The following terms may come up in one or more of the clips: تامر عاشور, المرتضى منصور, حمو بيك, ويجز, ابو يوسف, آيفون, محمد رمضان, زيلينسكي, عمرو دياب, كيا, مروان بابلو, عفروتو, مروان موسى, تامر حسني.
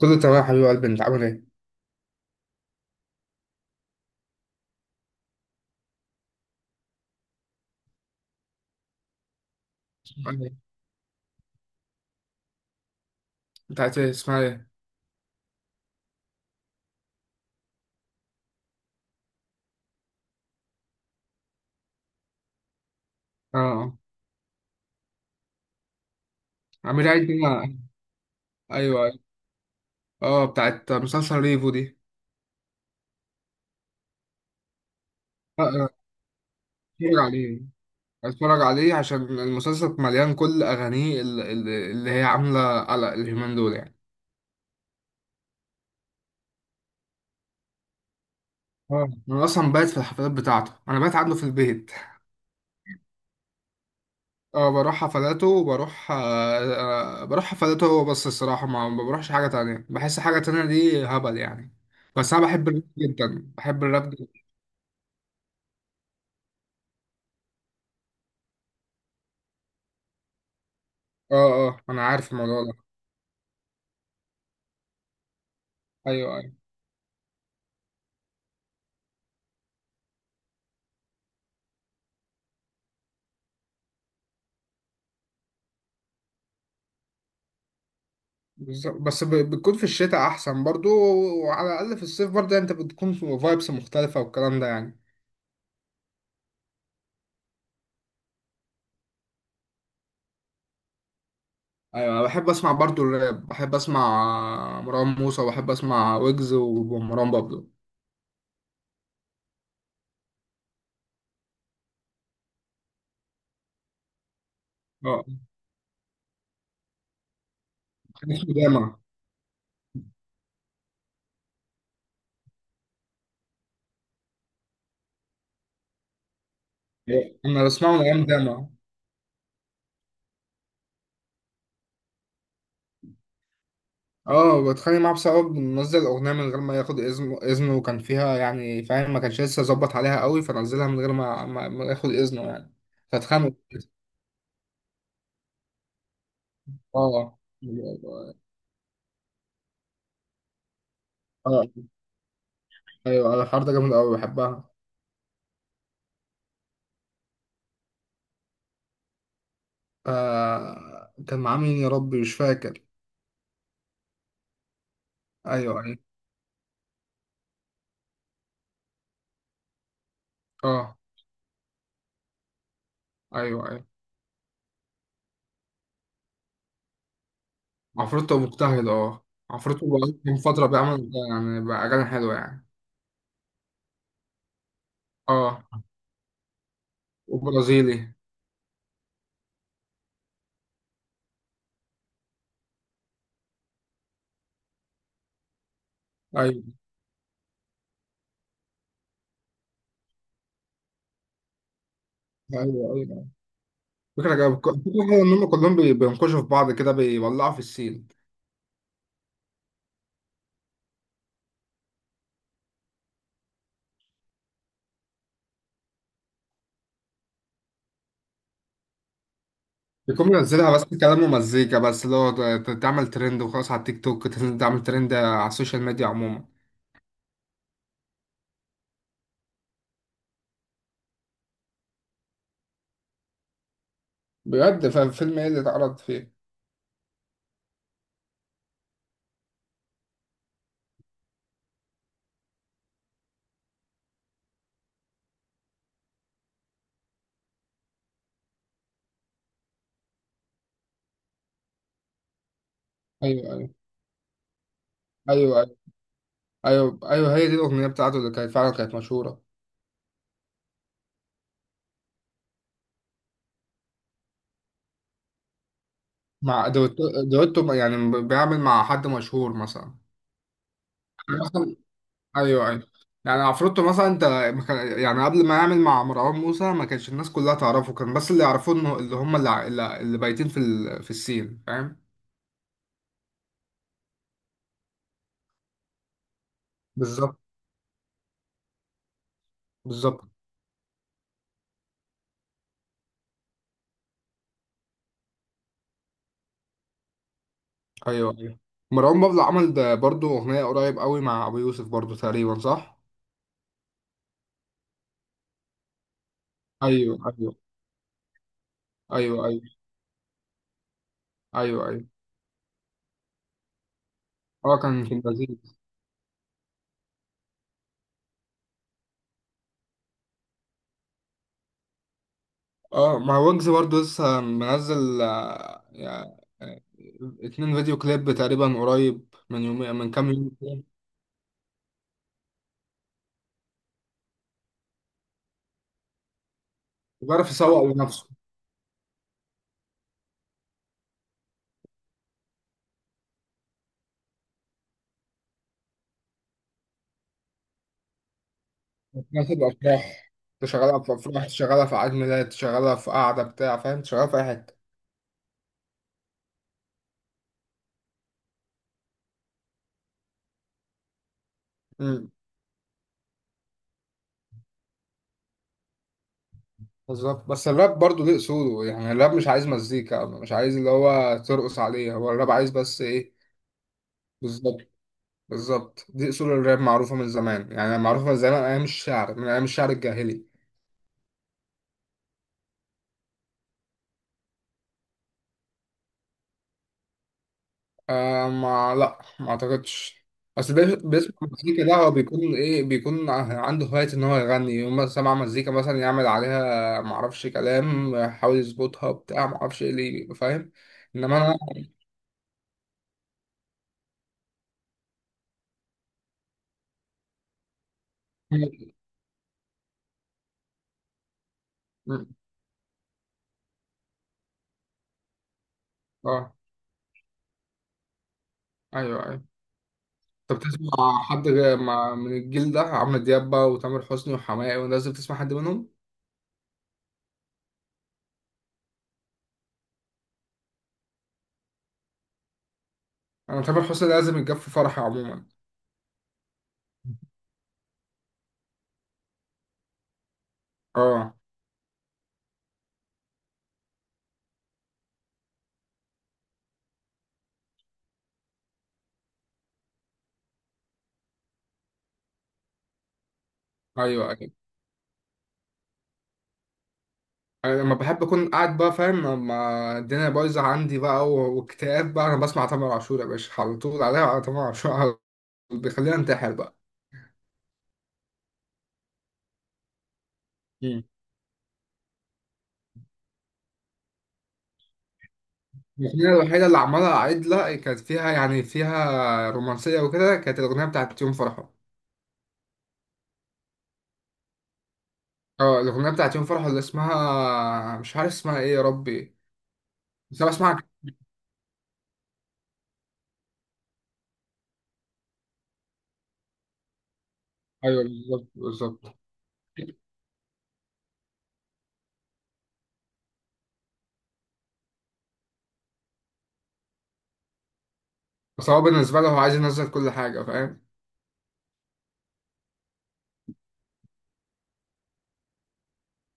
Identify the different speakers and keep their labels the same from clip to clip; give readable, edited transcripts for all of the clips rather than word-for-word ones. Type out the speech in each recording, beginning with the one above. Speaker 1: كله تمام يا حبيب قلبي، انت عامل ايه؟ أيوة. بتاعت ايه؟ اسمها ايه؟ اه، آه. عامل ايه كده؟ ايوه، ايوه. اه، بتاعت مسلسل ريفو دي. اه، آه. اتفرج عليه، اتفرج عليه عشان المسلسل مليان، كل اغانيه اللي هي عامله على اليومين دول يعني. اه، انا اصلا بايت في الحفلات بتاعته، انا بايت عنده في البيت. اه، بروح حفلاته وبروح بروح حفلاته هو بس الصراحه، ما بروحش حاجه تانية، بحس حاجه تانية دي هبل يعني. بس انا بحب الراب جدا، بحب الراب. اه، اه، انا عارف الموضوع ده. ايوه، ايوه. بالظبط، بس بتكون في الشتاء احسن برضو، وعلى الاقل في الصيف برضو يعني انت بتكون في فايبس مختلفه والكلام ده يعني. ايوه، أنا بحب اسمع برضو الراب، بحب اسمع مروان موسى وبحب اسمع ويجز ومروان بابلو. اه، كان اسمه داما. انا بسمعه من ايام داما. اه، بتخانق معاه بسبب إنه نزل اغنيه من غير ما ياخد اذنه، وكان فيها يعني فاهم، ما كانش لسه ظبط عليها قوي، فنزلها من غير ما ياخد اذنه يعني. فاتخانقوا. اه، اه. ايوه، انا الحوار ده جامد قوي، بحبها. آه، كان معاه مين يا ربي؟ مش فاكر. ايوه، ايوه. اه، ايوه، ايوه. عفروتو مجتهد، اه. عفروتو بقى من فترة بيعمل يعني بقى أغاني حلوة يعني. اه، وبرازيلي. ايوه، ايوه، ايوه. فكرة جاية، فكرة حلوة إن هم كلهم بينقشوا في بعض كده، بيولعوا في السين. بيكون منزلها بس كلام ومزيكا بس، اللي هو تعمل ترند وخلاص على التيك توك، تعمل ترند على السوشيال ميديا عموما. بجد؟ فالفيلم ايه اللي اتعرض فيه؟ ايوه، ايوه، ايوه، ايوه، ايوه. هي دي الاغنيه بتاعته اللي كانت فعلا كانت مشهوره. مع دويتو. دويتو يعني بيعمل مع حد مشهور مثلا. مثلا. ايوه، ايوه. يعني عفروتو مثلا انت ما كان- يعني قبل ما يعمل مع مروان موسى ما كانش الناس كلها تعرفه، كان بس اللي يعرفوه انه اللي اللي بايتين في في السين فاهم. بالظبط، بالظبط. ايوه، ايوه. مروان بابلو عمل ده برضو، اغنيه قريب قوي مع ابو يوسف برضو تقريبا، صح؟ ايوه، ايوه، ايوه، ايوه، ايوه، ايوه. اه، كان في البرازيل. اه، مع ويجز برضه لسه منزل يعني اتنين فيديو كليب تقريبا، قريب من يومين، من كام يوم كده. بيعرف يسوق لنفسه. بيناسب أفراح، تشغلها في أفراح، تشغلها في عيد ميلاد، تشغلها في قعدة بتاع فاهم، تشغلها في أي حتة. أمم، بالظبط. بس الراب برضه ليه أصوله يعني، الراب مش عايز مزيكا، مش عايز اللي هو ترقص عليه، هو الراب عايز بس إيه؟ بالظبط، بالظبط. دي أصول الراب معروفة من زمان يعني، معروفة من زمان أيام الشعر، من أيام الشعر الجاهلي. آه، ما لا، ما اعتقدش. اصل بيسمع مزيكا، ده هو بيكون ايه؟ بيكون عنده هواية ان هو يغني، يوم ما سمع مزيكا مثلا يعمل عليها. ما اعرفش، كلام يحاول يظبطها بتاع، ما اعرفش ايه اللي فاهم. انما انا. اه، ايوه، ايوه. انت بتسمع حد من الجيل ده، عمرو دياب بقى وتامر حسني وحماقي، ولازم تسمع حد منهم. انا تامر حسني لازم يتجاب في فرحي عموما. اه، ايوه، ايوه. انا لما بحب اكون قاعد بقى فاهم، لما الدنيا بايظه عندي بقى واكتئاب بقى، انا بسمع تامر عاشور يا باشا على طول، عليها على تامر عاشور على طول. بيخليني انتحر بقى. مم. الأغنية الوحيدة اللي عمالة أعيد لها كانت فيها يعني فيها رومانسية وكده، كانت الأغنية بتاعت يوم فرحة. اه، الأغنية بتاعت يوم فرحة اللي اسمها، مش عارف اسمها ايه يا ربي، بس أنا بسمعها. أيوه، بالظبط، بالظبط. بس هو بالنسبة له هو عايز ينزل كل حاجة فاهم.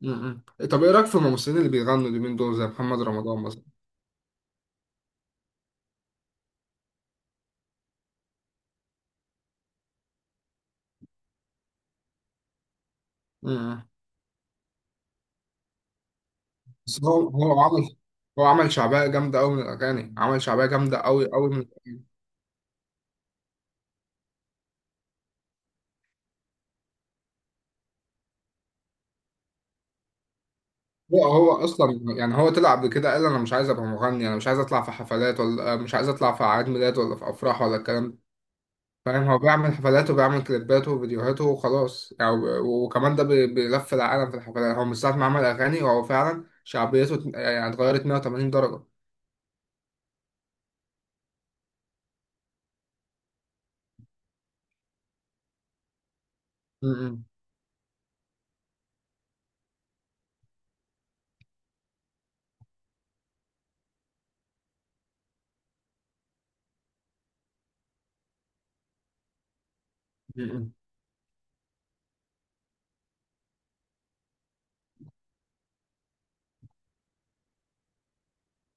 Speaker 1: م- م. طب ايه رأيك في الممثلين اللي بيغنوا اليومين دول زي محمد رمضان مثلا؟ بس هو عمل، هو عمل شعبيه جامده قوي من الاغاني، عمل شعبيه جامده قوي قوي من. هو اصلا يعني هو طلع قبل كده، قال انا مش عايز ابقى مغني، انا مش عايز اطلع في حفلات، ولا مش عايز اطلع في اعياد ميلاد ولا في افراح ولا الكلام ده فاهم. هو بيعمل حفلاته وبيعمل كليباته وفيديوهاته وخلاص يعني، وكمان ده بيلف العالم في الحفلات. هو من ساعه ما عمل اغاني هو فعلا شعبيته يعني اتغيرت 180 درجه. م- م- م- م.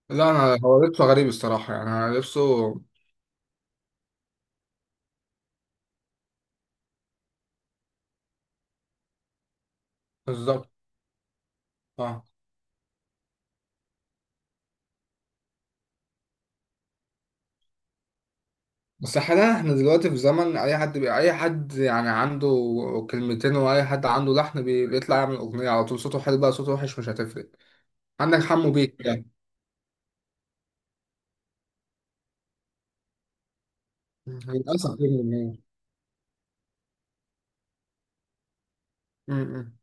Speaker 1: لا، انا هو لبسه غريب الصراحه يعني، أنا لبسه. بالظبط. اه، بس حاليا احنا دلوقتي في زمن اي حد اي حد يعني عنده كلمتين، واي حد عنده لحن بيطلع يعمل اغنيه على طول. صوته حلو بقى صوته وحش مش هتفرق. عندك حمو بيك يعني. للاسف غير الجمهور. م- م.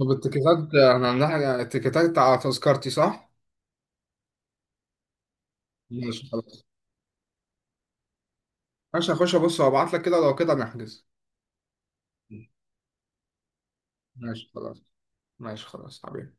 Speaker 1: طب التيكيتات، احنا عندنا التيكيتات على تذكرتي، صح؟ ماشي خلاص. ماشي هخش ابص وابعت لك كده، لو كده نحجز. ماشي خلاص. ماشي خلاص حبيبي.